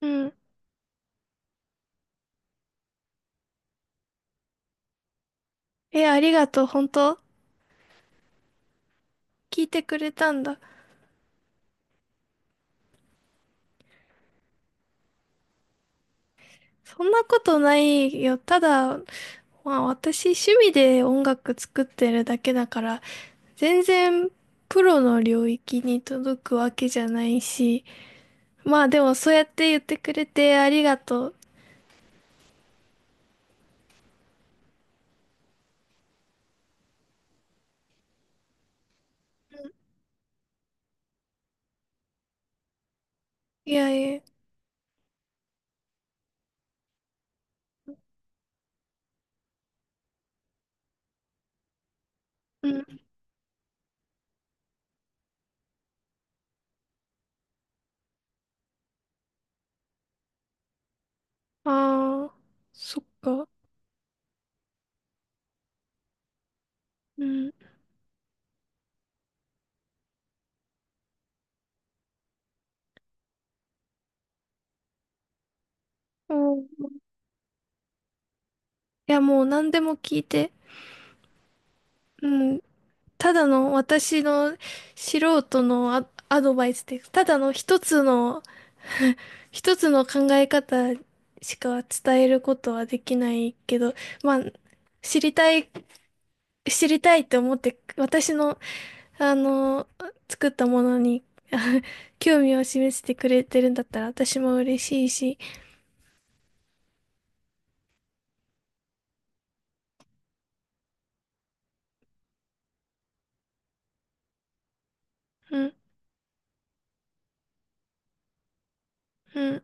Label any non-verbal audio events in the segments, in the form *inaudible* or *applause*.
うん。え、ありがとう。本当聞いてくれたんだ。そんなことないよ。ただ、私趣味で音楽作ってるだけだから、全然プロの領域に届くわけじゃないし、まあでもそうやって言ってくれてありがとう。いやいや、うん。ああ、そっか。うん。お、いやもう何でも聞いて。うん。ただの私の素人のアドバイスで、ただの一つの *laughs* 一つの考え方しか伝えることはできないけど、まあ、知りたい、知りたいって思って、私の、あの、作ったものに、*laughs* あ、興味を示してくれてるんだったら私も嬉しいし、うん、うん。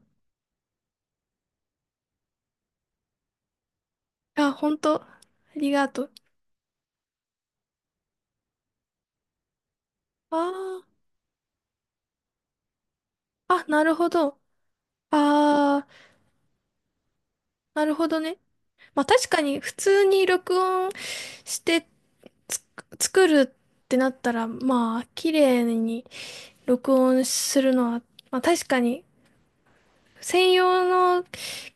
あ、本当ありがとう。あなるほど。ああ、なるほどね。まあ確かに普通に録音してつ作るってなったら、まあ綺麗に録音するのは、まあ確かに専用の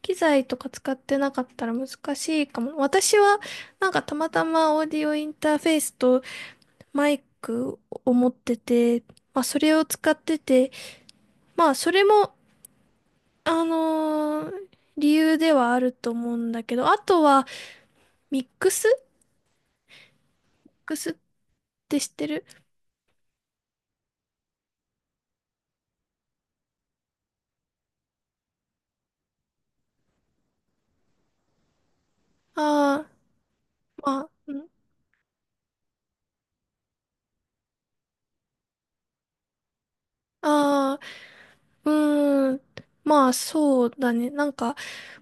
機材とか使ってなかったら難しいかも。私はなんかたまたまオーディオインターフェースとマイクを持ってて、まあそれを使ってて、まあそれも、あのー理由ではあると思うんだけど、あとはミックスって知ってる？ああ、まあ、うん。ああ、うーん、まあそうだね。なんか、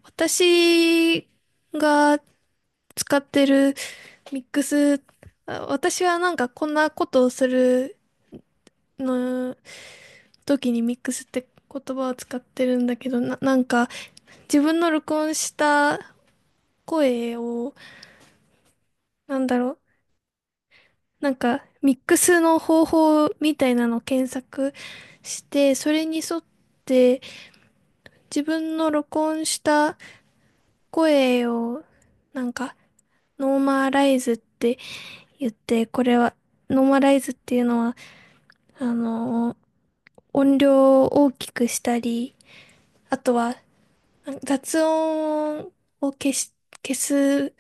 私が使ってるミックス、あ私はなんかこんなことをするの時にミックスって言葉を使ってるんだけど、なんか自分の録音した声を、なんだろう、なんかミックスの方法みたいなのを検索して、それに沿って、自分の録音した声を、なんか、ノーマライズって言って、これは、ノーマライズっていうのは、あの、音量を大きくしたり、あとは、雑音を消し、消す、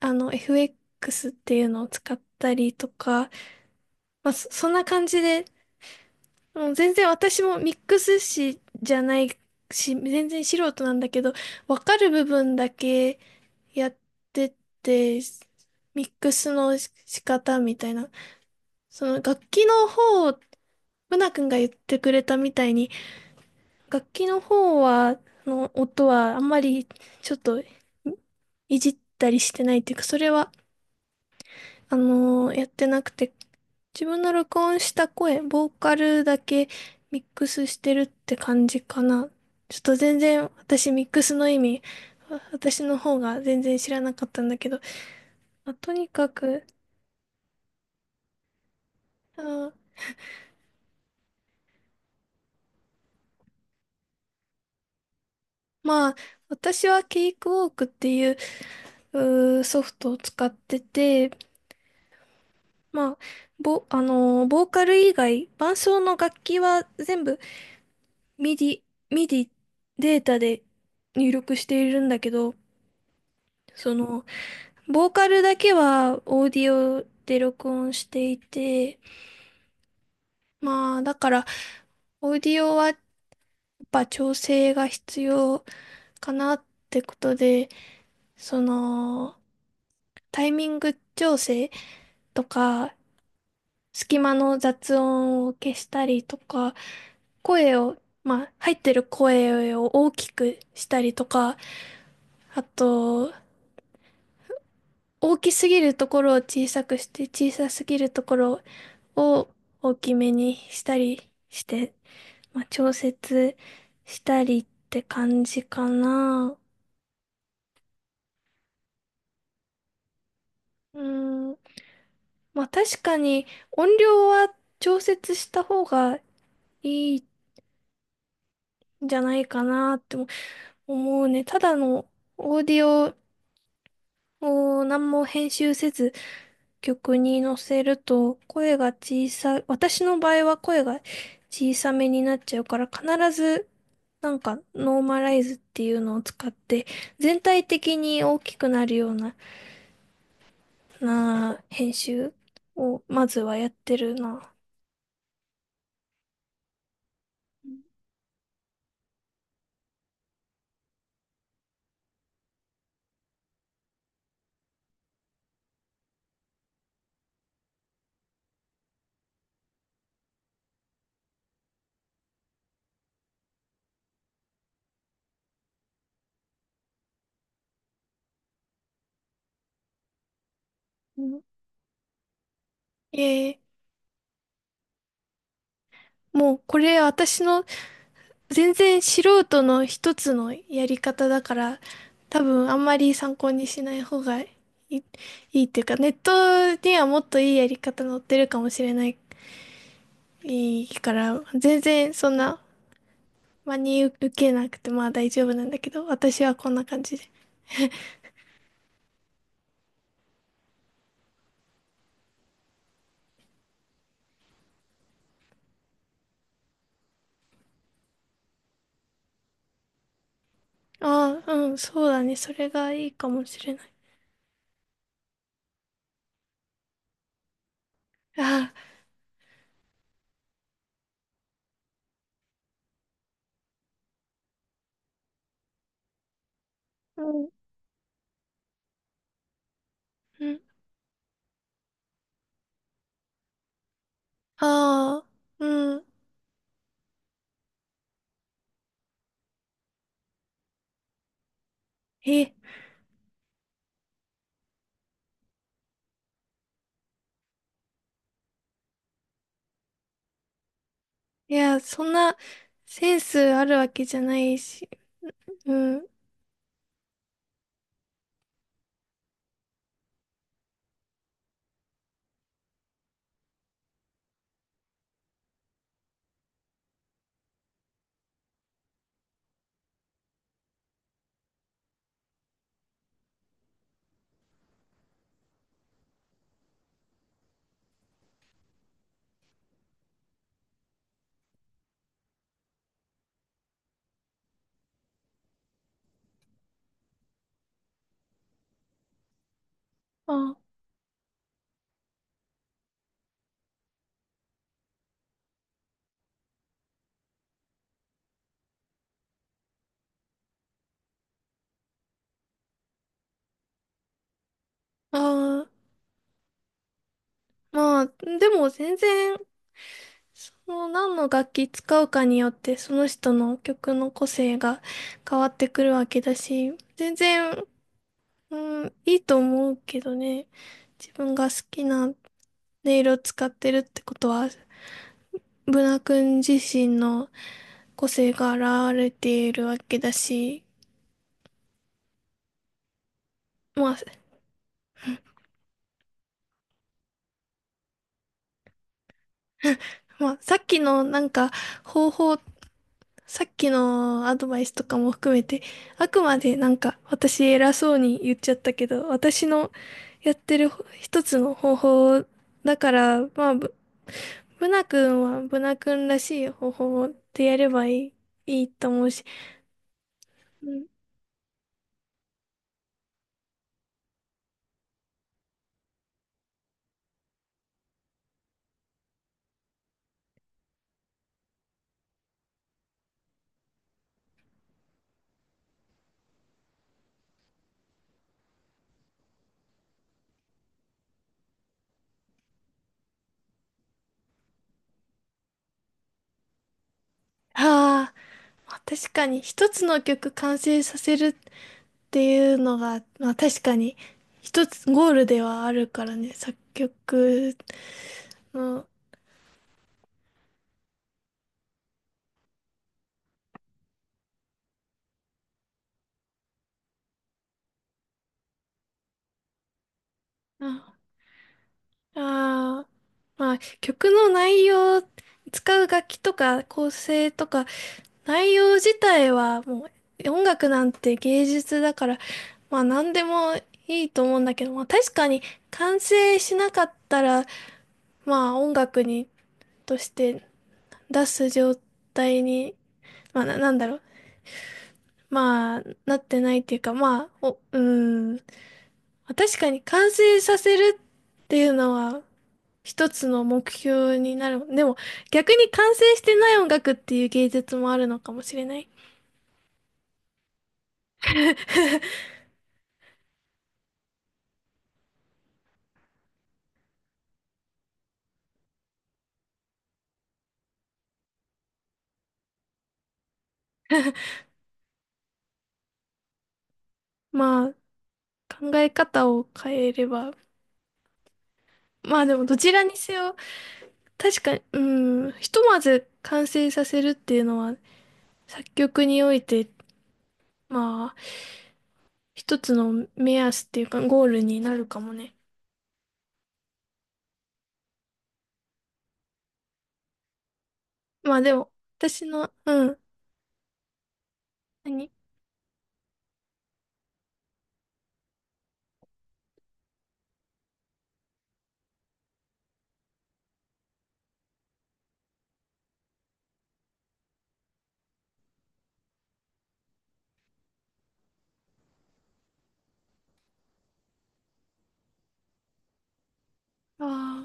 あの、FX っていうのを使ったりとか、まあ、そんな感じで、もう全然私もミックス師じゃないし、全然素人なんだけど、わかる部分だけ、やってて、ミックスの仕方みたいな。その楽器の方、ブナ君が言ってくれたみたいに、楽器の方は、の音はあんまりちょっとじったりしてないっていうか、それは、あのーやってなくて、自分の録音した声、ボーカルだけミックスしてるって感じかな。ちょっと全然私ミックスの意味、私の方が全然知らなかったんだけど、まあとにかく。あー、まあ、私はケイクウォークっていう、うーソフトを使ってて、まあ、ボーカル以外、伴奏の楽器は全部ミディミディデータで入力しているんだけど、その、ボーカルだけはオーディオで録音していて、まあ、だから、オーディオはやっぱ調整が必要かなってことで、その、タイミング調整とか、隙間の雑音を消したりとか、声を、まあ、入ってる声を大きくしたりとか、あと、大きすぎるところを小さくして、小さすぎるところを大きめにしたりして、まあ、調節したりって感じかな。うーん。まあ、確かに音量は調節した方がいいんじゃないかなって思う。もうね、ただのオーディオを何も編集せず曲に乗せると声が小さい、私の場合は声が小さめになっちゃうから必ずなんかノーマライズっていうのを使って全体的に大きくなるような、な編集をまずはやってるな。うん、えー、もうこれ私の全然素人の一つのやり方だから、多分あんまり参考にしない方がい、いいっていうか、ネットにはもっといいやり方載ってるかもしれない、いいから、全然そんな真に受けなくてまあ大丈夫なんだけど、私はこんな感じで。ああ、うん、そうだね。それがいいかもしれない。ああ、うん、うん、ああ、うん。え、いや、そんなセンスあるわけじゃないし、うん、ああ、ああ。まあ、でも全然、その何の楽器使うかによって、その人の曲の個性が変わってくるわけだし、全然、うん、いいと思うけどね。自分が好きな音色を使ってるってことは、ブナ君自身の個性が現れているわけだし、まあ、まあ、さっきのなんか方法さっきのアドバイスとかも含めて、あくまでなんか私偉そうに言っちゃったけど、私のやってる一つの方法だから、まあ、ブナ君はブナ君らしい方法でやればいいと思うし、うん、ああ、まあ確かに一つの曲完成させるっていうのが、まあ確かに一つゴールではあるからね、作曲の、ああー、まあ、曲の内容、使う楽器とか構成とか、内容自体はもう音楽なんて芸術だから、まあ何でもいいと思うんだけど、まあ確かに完成しなかったら、まあ音楽として出す状態に、なんだろう、まあなってないっていうか、まあ、お、うーん、まあ確かに完成させるっていうのは一つの目標になる。でも、逆に完成してない音楽っていう芸術もあるのかもしれない。*laughs* まあ、考え方を変えれば。まあでも、どちらにせよ、確かに、うん、ひとまず完成させるっていうのは、作曲において、まあ、一つの目安っていうか、ゴールになるかもね。まあでも、私の、うん、何あ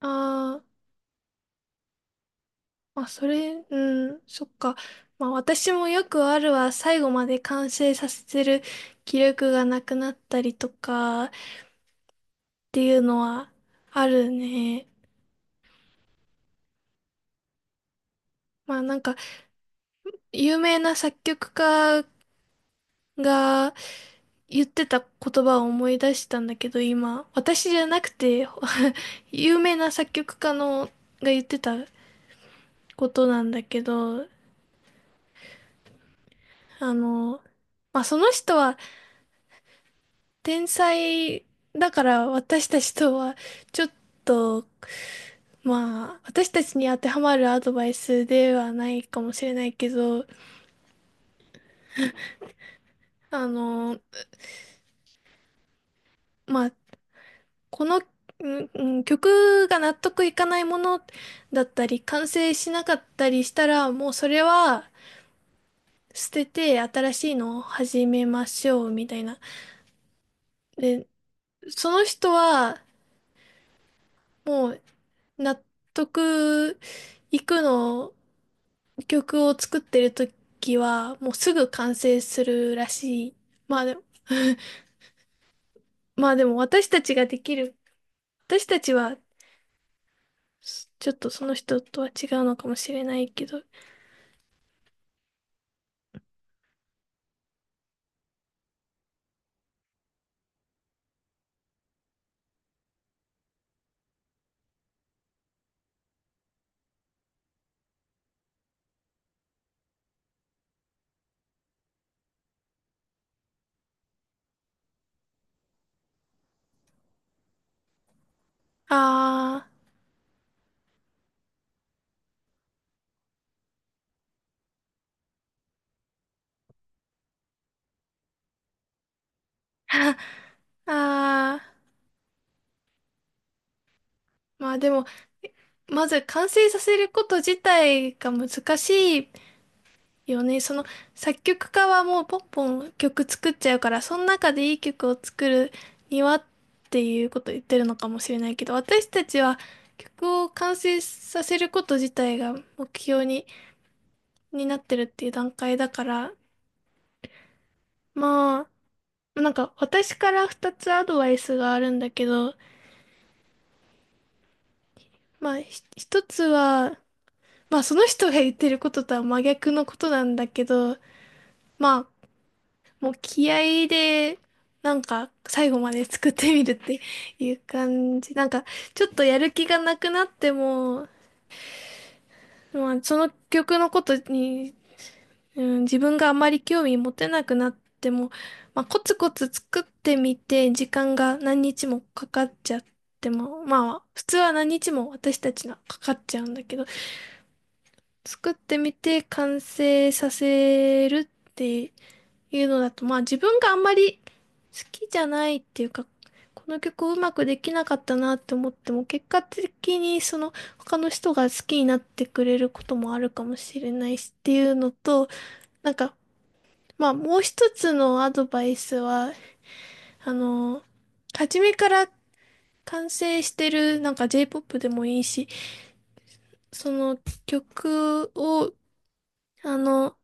あ、あー、まあ、それ、うん、そっか。まあ、私もよくあるは、最後まで完成させてる気力がなくなったりとかっていうのはあるね。まあ、なんか、有名な作曲家が言ってた言葉を思い出したんだけど、今、私じゃなくて *laughs*、有名な作曲家のが言ってたことなんだけど、あの、まあ、その人は天才だから私たちとはちょっと、まあ、私たちに当てはまるアドバイスではないかもしれないけど、あの、まあ、この、うん曲が納得いかないものだったり、完成しなかったりしたら、もうそれは捨てて新しいのを始めましょうみたいな。で、その人はもう納得いく曲を作ってる時はもうすぐ完成するらしい。まあでも、まあでも私たちができる。私たちはちょっとその人とは違うのかもしれないけど。ああ、ああ。まあでも、まず完成させること自体が難しいよね。その作曲家はもうポンポン曲作っちゃうから、その中でいい曲を作るにはっていうことを言ってるのかもしれないけど、私たちは曲を完成させること自体が目標に、になってるっていう段階だから、まあ、なんか私から2つアドバイスがあるんだけど、まあ一つは、まあその人が言ってることとは真逆のことなんだけど、まあもう気合で、なんか最後まで作ってみるっていう感じ。なんかちょっとやる気がなくなっても、まあその曲のことに、うん、自分があまり興味持てなくなっても、まあコツコツ作ってみて、時間が何日もかかっちゃっても、まあ普通は何日も私たちのはかかっちゃうんだけど、作ってみて完成させるっていうのだと、まあ自分があんまり好きじゃないっていうか、この曲をうまくできなかったなって思っても、結果的にその他の人が好きになってくれることもあるかもしれないしっていうのと、なんか、まあもう一つのアドバイスは、あの、初めから完成してる、なんか J-POP でもいいし、その曲を、あの、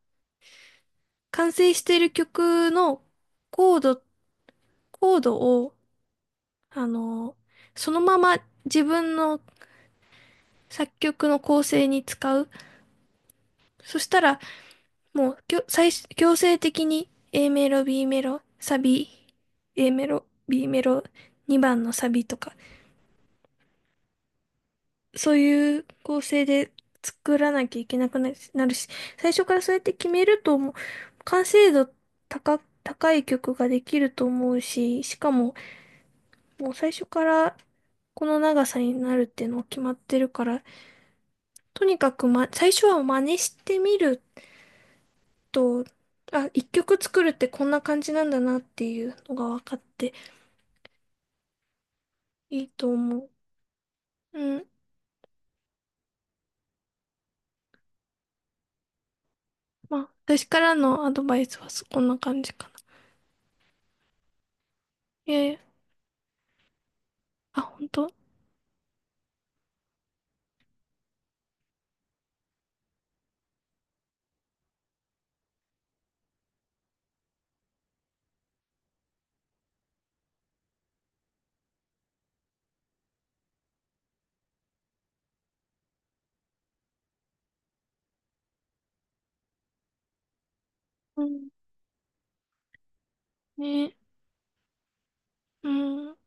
完成してる曲のコード、コードをあの、そのまま自分の作曲の構成に使う。そしたら、もう、最初、強制的に A メロ、B メロ、サビ、A メロ、B メロ、2番のサビとか、そういう構成で作らなきゃいけなくなるし、最初からそうやって決めると、もう、完成度高、高い曲ができると思うし、しかも、もう最初からこの長さになるっていうのが決まってるから、とにかく、ま、最初は真似してみると、あ、一曲作るってこんな感じなんだなっていうのが分かっていいと思う。うん。まあ、私からのアドバイスはそこんな感じかな。ええ、あ、本当。うん。ね、うん。